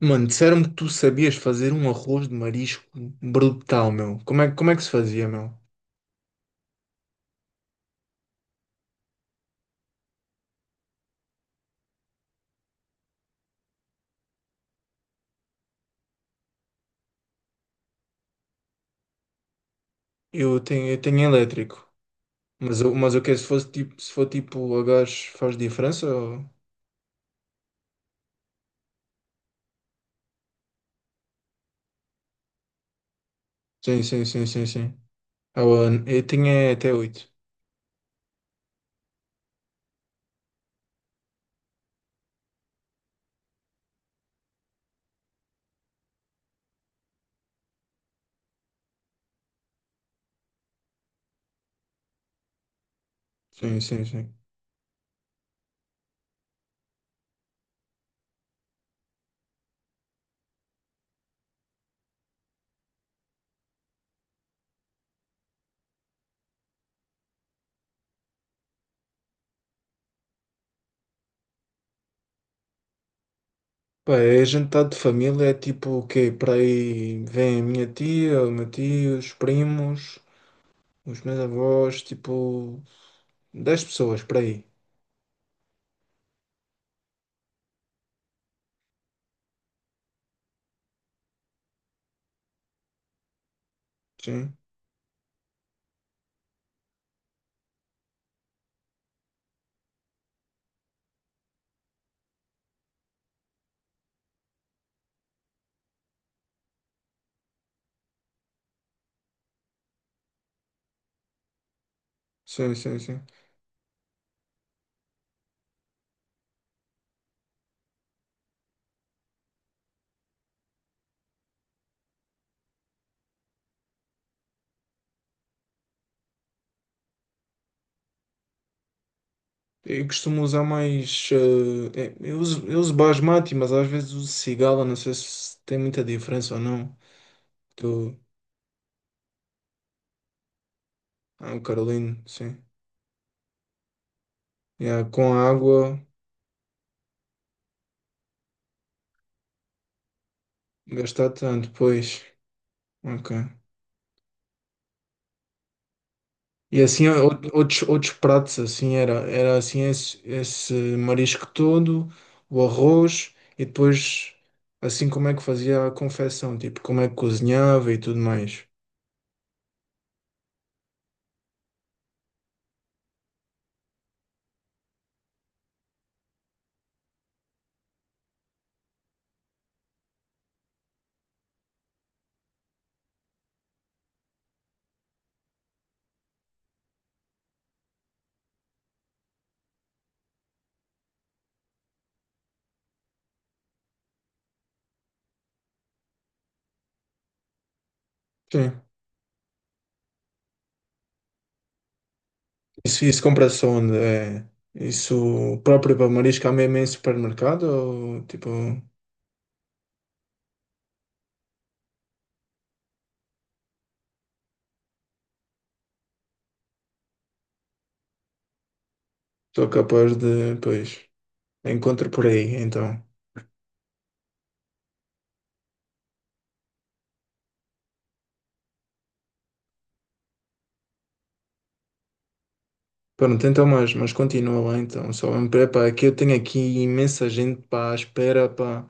Mano, disseram-me que tu sabias fazer um arroz de marisco brutal, meu. Como é que se fazia, meu? Eu tenho elétrico. Mas eu quero, se for tipo a gás, faz diferença? Sim, sim, sim, sim, sim. Ah, bueno, eu tinha até oito. Sim, sim, sim. Pá, é jantar de família, é tipo o quê? Para aí vem a minha tia, o meu tio, os primos, os meus avós, tipo 10 pessoas, para aí. Sim, sim, sim, sim. Eu costumo usar mais. Eu uso basmati, mas às vezes uso cigala. Não sei se tem muita diferença ou não. Do, ah, o Carolino, sim. Yeah, com a água, gastar tanto, pois. Ok. E assim, outros pratos, assim, era assim esse marisco todo, o arroz, e depois, assim, como é que fazia a confecção, tipo, como é que cozinhava e tudo mais. Sim. Isso compra-se onde? É, isso próprio para marisco há mesmo em supermercado? Ou tipo, sou capaz de, pois, encontro por aí, então. Pronto, então, mas continua lá então. Só me prepara que eu tenho aqui imensa gente para a espera, pá,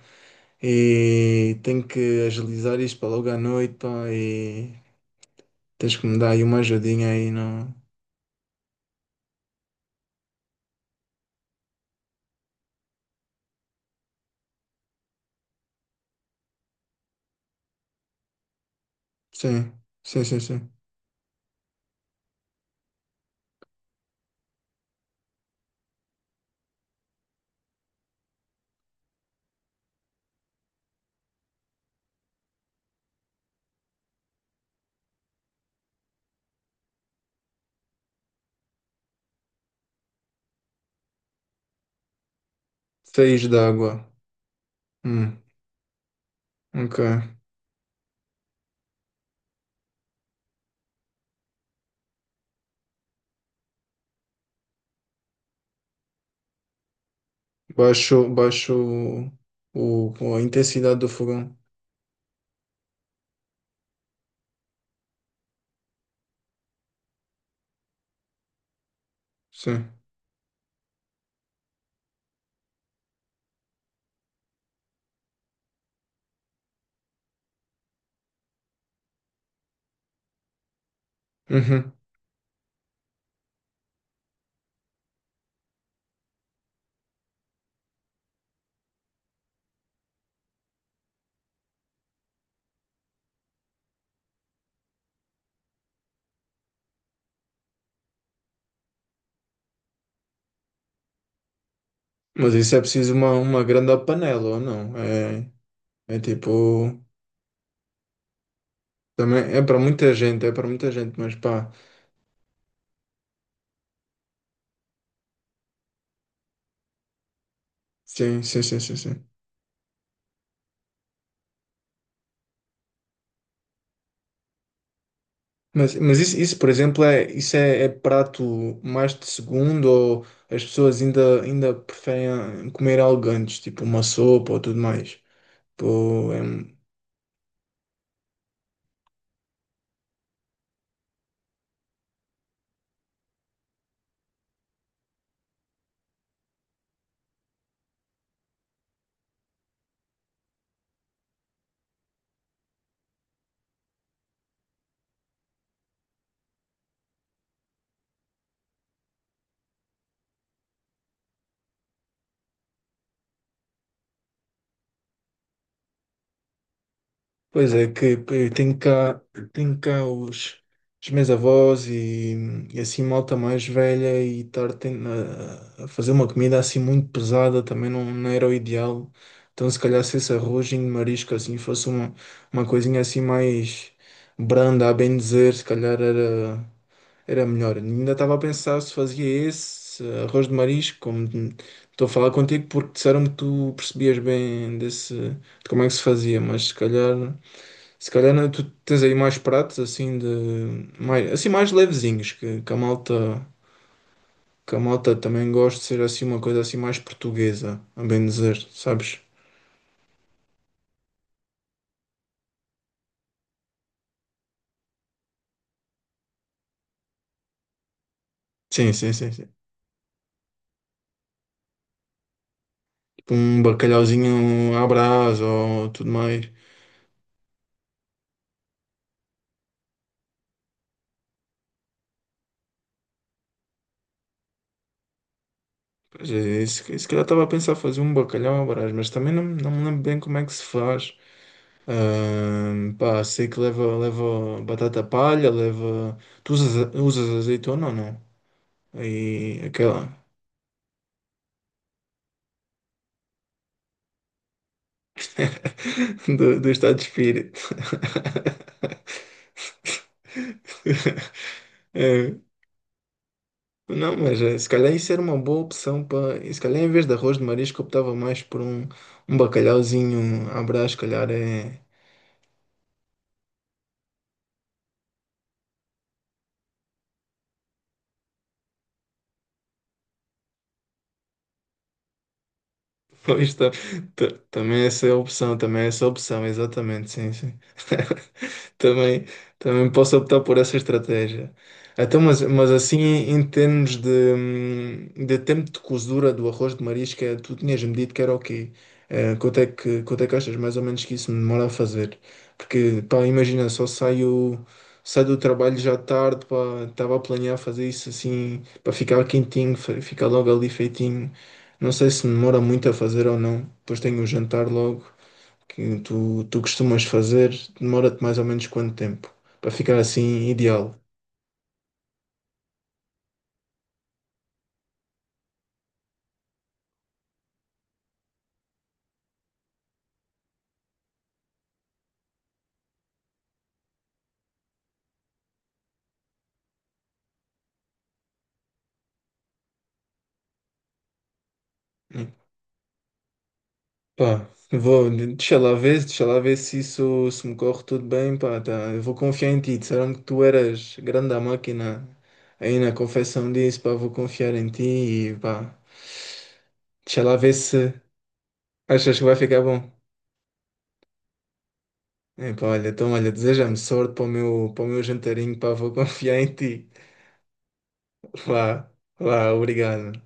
e tenho que agilizar isto para logo à noite, pá, e tens que me dar aí uma ajudinha aí, não? Sim, sim, sim, sim. Seis d'água. Hum, ok. Baixo, baixo a intensidade do fogão. Sim. Uhum. Mas isso é preciso uma grande panela, ou não? É tipo. Também é para muita gente, é para muita gente, mas pá. Sim, sim, sim, sim, sim. Mas isso, por exemplo, isso é prato mais de segundo, ou as pessoas ainda preferem comer algo antes, tipo uma sopa ou tudo mais? Tipo, é, Pois é, que tenho cá, os meus avós, e assim malta mais velha, e estar a fazer uma comida assim muito pesada também não, não era o ideal. Então se calhar, se esse arrozinho de marisco assim fosse uma coisinha assim mais branda, a bem dizer, se calhar era melhor. Ainda estava a pensar se fazia esse arroz de marisco, como estou a falar contigo porque disseram-me que tu percebias bem desse, de como é que se fazia, mas se calhar. Se calhar não, tu tens aí mais pratos assim de mais, assim mais levezinhos que a malta também gosta de ser assim uma coisa assim mais portuguesa, a bem dizer, sabes? Sim, sim, sim, sim. Tipo um bacalhauzinho à Brás ou tudo mais. Pois é, se calhar estava a pensar fazer um bacalhau à Brás, mas também não me lembro bem como é que se faz. Pá, sei que leva batata palha, leva. Tu usas azeitona ou não? Aí aquela. Do estado de espírito. É, não, mas se calhar isso era uma boa opção para. Se calhar em vez de arroz de marisco, optava mais por um bacalhauzinho à Brás, se calhar é. Pois tá, também essa é a opção, também é essa é a opção, exatamente, sim, sim. Também, também posso optar por essa estratégia. Então, mas assim, em termos de tempo de cozedura do arroz de marisca, tu tinhas-me dito que era o quê? Quanto é que achas mais ou menos que isso me demora a fazer? Porque, pá, imagina, só saio do trabalho já tarde, pá, estava a planear fazer isso assim, para ficar quentinho, ficar logo ali feitinho. Não sei se demora muito a fazer ou não, depois tenho o jantar logo, que tu costumas fazer, demora-te mais ou menos quanto tempo? Para ficar assim ideal. Pá, deixa lá ver se isso se me corre tudo bem, pá, tá, eu vou confiar em ti. Disseram que tu eras grande à máquina aí na confecção disso, pá, vou confiar em ti e pá, deixa lá ver se. Achas que vai ficar bom? Epá, olha, então olha, deseja-me sorte para o meu jantarinho, pá, vou confiar em ti. Lá, lá, obrigado.